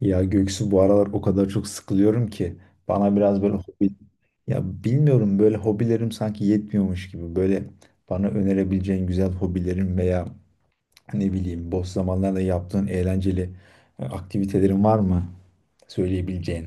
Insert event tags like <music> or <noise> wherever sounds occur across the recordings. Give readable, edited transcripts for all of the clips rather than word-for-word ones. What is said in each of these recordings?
Ya Göksu, bu aralar o kadar çok sıkılıyorum ki bana biraz böyle hobi... Ya bilmiyorum, böyle hobilerim sanki yetmiyormuş gibi böyle bana önerebileceğin güzel hobilerin veya ne bileyim boş zamanlarda yaptığın eğlenceli aktivitelerin var mı söyleyebileceğin?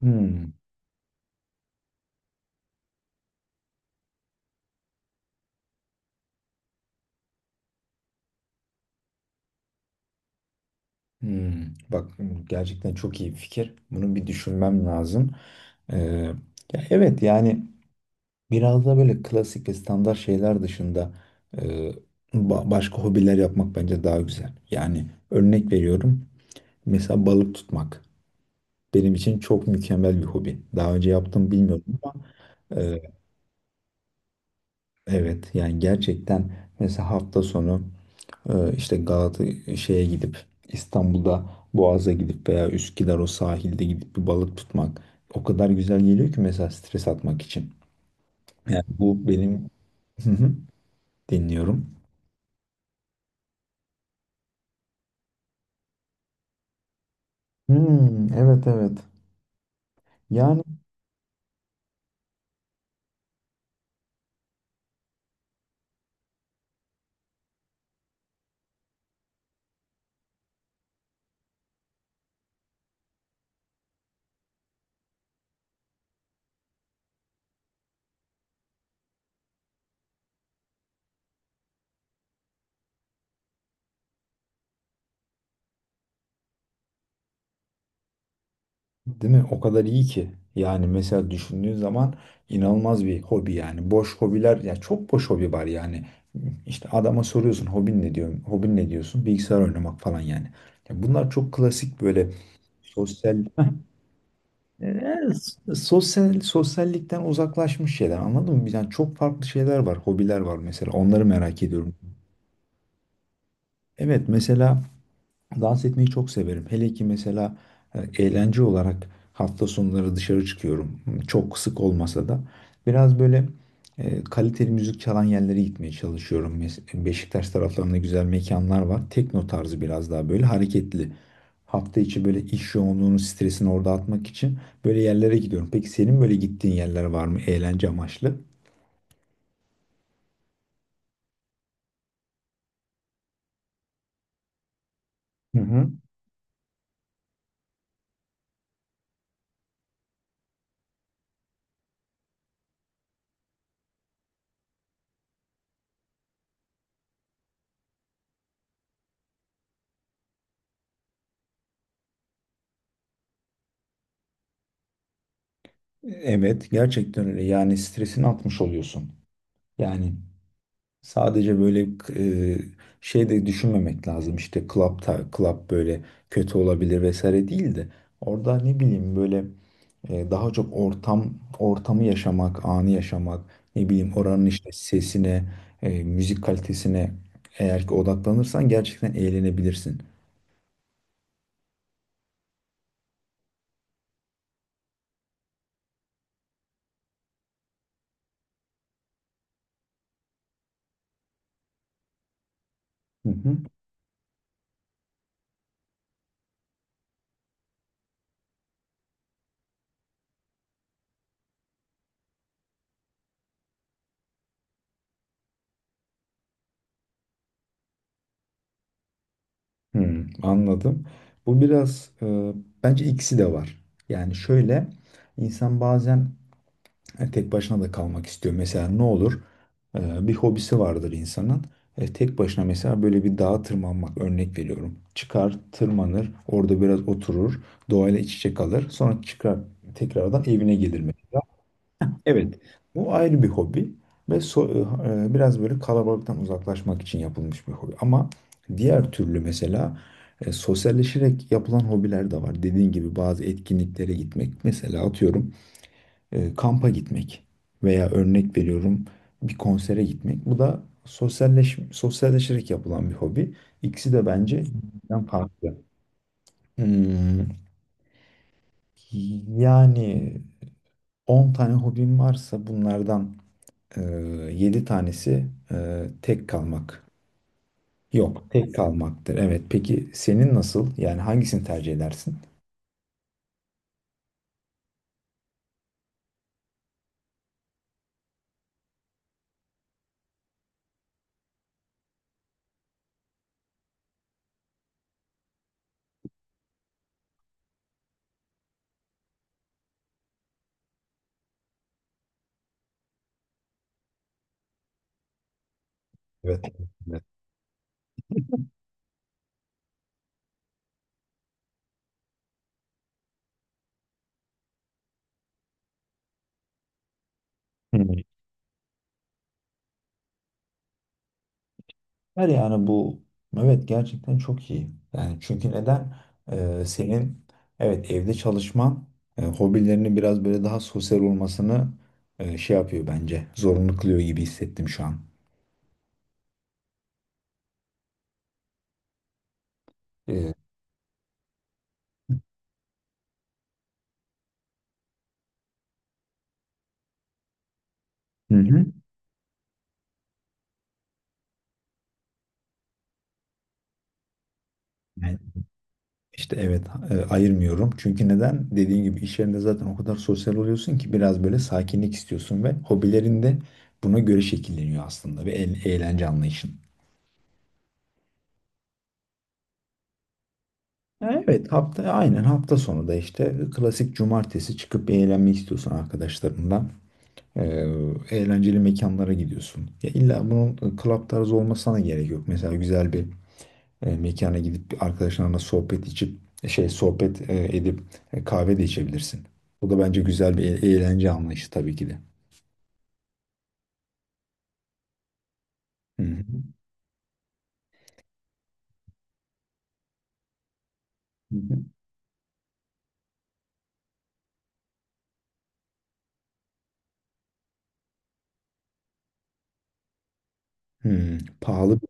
Hmm, hmm. Bak, gerçekten çok iyi bir fikir. Bunu bir düşünmem lazım. Ee, Ya evet, yani biraz da böyle klasik ve standart şeyler dışında, e, başka hobiler yapmak bence daha güzel. Yani örnek veriyorum. Mesela balık tutmak. Benim için çok mükemmel bir hobi. Daha önce yaptım bilmiyorum ama e, evet yani gerçekten mesela hafta sonu işte Galata şeye gidip, İstanbul'da Boğaz'a gidip veya Üsküdar o sahilde gidip bir balık tutmak o kadar güzel geliyor ki mesela stres atmak için. Yani bu benim... <laughs> Hı hı. Dinliyorum. Hmm, evet, evet. Yani değil mi? O kadar iyi ki. Yani mesela düşündüğün zaman inanılmaz bir hobi yani. Boş hobiler, ya çok boş hobi var yani. İşte adama soruyorsun hobin ne, diyor? Hobin ne, diyorsun? Bilgisayar oynamak falan yani. Ya bunlar çok klasik, böyle sosyal... <laughs> Ee, sosyallikten uzaklaşmış şeyler. Anladın mı? Yani çok farklı şeyler var, hobiler var mesela. Onları merak ediyorum. Evet mesela, dans etmeyi çok severim. Hele ki mesela e, eğlence olarak hafta sonları dışarı çıkıyorum. Çok sık olmasa da biraz böyle kaliteli müzik çalan yerlere gitmeye çalışıyorum. Beşiktaş taraflarında güzel mekanlar var. Tekno tarzı, biraz daha böyle hareketli. Hafta içi böyle iş yoğunluğunun stresini orada atmak için böyle yerlere gidiyorum. Peki senin böyle gittiğin yerler var mı eğlence amaçlı? Hı hı. Evet, gerçekten öyle. Yani stresini atmış oluyorsun. Yani sadece böyle e, şey de düşünmemek lazım, işte club, club böyle kötü olabilir vesaire değil de, orada ne bileyim böyle daha çok ortamı yaşamak, anı yaşamak, ne bileyim oranın işte sesine, müzik kalitesine eğer ki odaklanırsan gerçekten eğlenebilirsin. Hı hı. Hmm, anladım. Bu biraz bence ikisi de var. Yani şöyle, insan bazen... Yani tek başına da kalmak istiyor. Mesela ne olur? Bir hobisi vardır insanın. E, tek başına mesela böyle bir dağa tırmanmak, örnek veriyorum. Çıkar, tırmanır, orada biraz oturur, doğayla iç içe kalır. Sonra çıkar, tekrardan evine gelir mesela. Evet, bu ayrı bir hobi ve biraz böyle kalabalıktan uzaklaşmak için yapılmış bir hobi. Ama diğer türlü mesela sosyalleşerek yapılan hobiler de var. Dediğin gibi bazı etkinliklere gitmek. Mesela atıyorum kampa gitmek veya örnek veriyorum bir konsere gitmek. Bu da sosyalleşerek yapılan bir hobi. İkisi de bence birbirinden farklı. Hmm, yani 10 tane hobim varsa bunlardan, e, 7 tanesi tek kalmak. Yok, tek kalmaktır. Evet. Peki senin nasıl? Yani hangisini tercih edersin? Evet. Evet. Hmm. Her yani bu, evet, gerçekten çok iyi. Yani çünkü neden... Senin, evet, evde çalışman hobilerini biraz böyle daha sosyal olmasını, şey yapıyor bence. Zorunlu kılıyor gibi hissettim şu an. Hı. Hı hı. Yani işte evet, ayırmıyorum. Çünkü neden? Dediğin gibi iş yerinde zaten o kadar sosyal oluyorsun ki biraz böyle sakinlik istiyorsun ve hobilerin de buna göre şekilleniyor aslında ve eğlence anlayışın. Evet, aynen, hafta sonu da işte klasik cumartesi çıkıp eğlenmek istiyorsun arkadaşlarınla. Ee, Eğlenceli mekanlara gidiyorsun. Ya illa bunun club tarzı olmasına da gerek yok. Mesela güzel bir mekana gidip bir arkadaşlarınla sohbet içip, sohbet edip kahve de içebilirsin. Bu da bence güzel bir eğlence anlayışı, tabii ki de. Hı hı. Hı hı. Hı, pahalı bir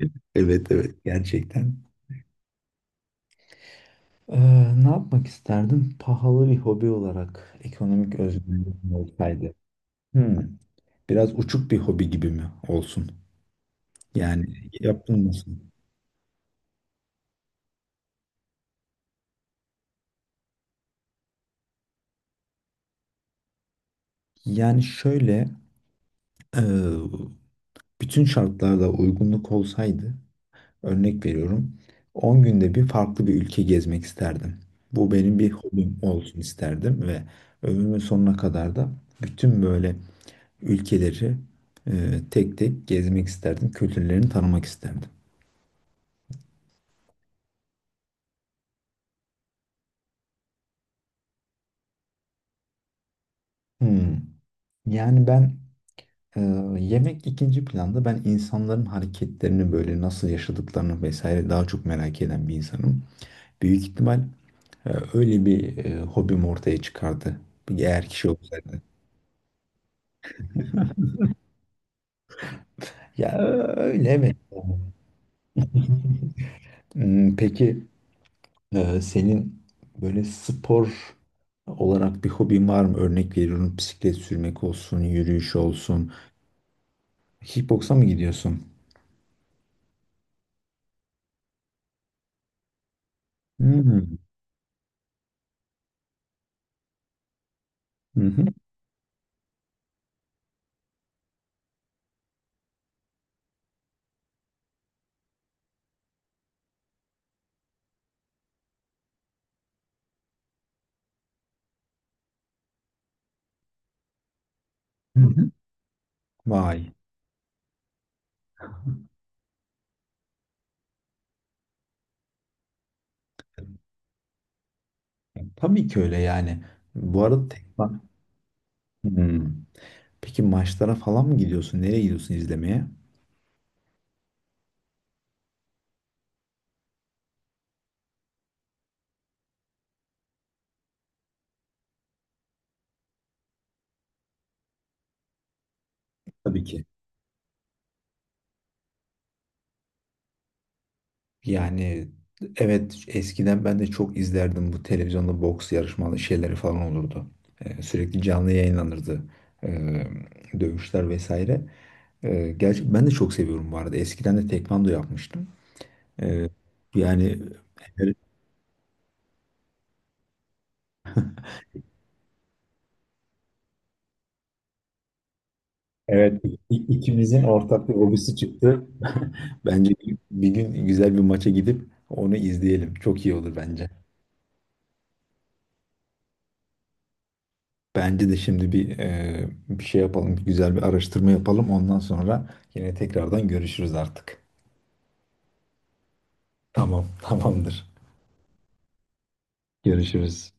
şey. Evet, evet, gerçekten. Ee, Ne yapmak isterdim? Pahalı bir hobi olarak, ekonomik özgürlüğüm olsaydı... Hmm, biraz uçuk bir hobi gibi mi olsun? Yani yapılmasın. Yani şöyle, e, bütün şartlarda uygunluk olsaydı, örnek veriyorum, 10 günde bir farklı bir ülke gezmek isterdim. Bu benim bir hobim olsun isterdim ve ömrümün sonuna kadar da bütün böyle ülkeleri tek tek gezmek isterdim. Kültürlerini tanımak isterdim. Hmm. Yani ben e, yemek ikinci planda. Ben insanların hareketlerini, böyle nasıl yaşadıklarını vesaire daha çok merak eden bir insanım. Büyük ihtimal öyle bir hobim ortaya çıkardı. Bir... eğer kişi olsaydı. Öyle, evet. Hmm, peki senin böyle spor olarak bir hobin var mı? Örnek veriyorum, bisiklet sürmek olsun, yürüyüş olsun. Kickboksa mı gidiyorsun? Hmm. Hı hı. Hı hı. Vay. Tabii ki öyle yani. Bu arada tek... Hmm. Peki maçlara falan mı gidiyorsun? Nereye gidiyorsun izlemeye? Tabii ki. Yani evet, eskiden ben de çok izlerdim, bu televizyonda boks yarışmalı şeyleri falan olurdu. Sürekli canlı yayınlanırdı. Ee, Dövüşler vesaire. Gerçi ben de çok seviyorum bu arada. Eskiden de tekvando yapmıştım. Ee, Yani... Evet, ikimizin ortak bir hobisi çıktı. <laughs> Bence bir gün güzel bir maça gidip onu izleyelim. Çok iyi olur bence. Bence de şimdi bir bir şey yapalım, bir güzel bir araştırma yapalım. Ondan sonra yine tekrardan görüşürüz artık. Tamam, tamamdır. Görüşürüz.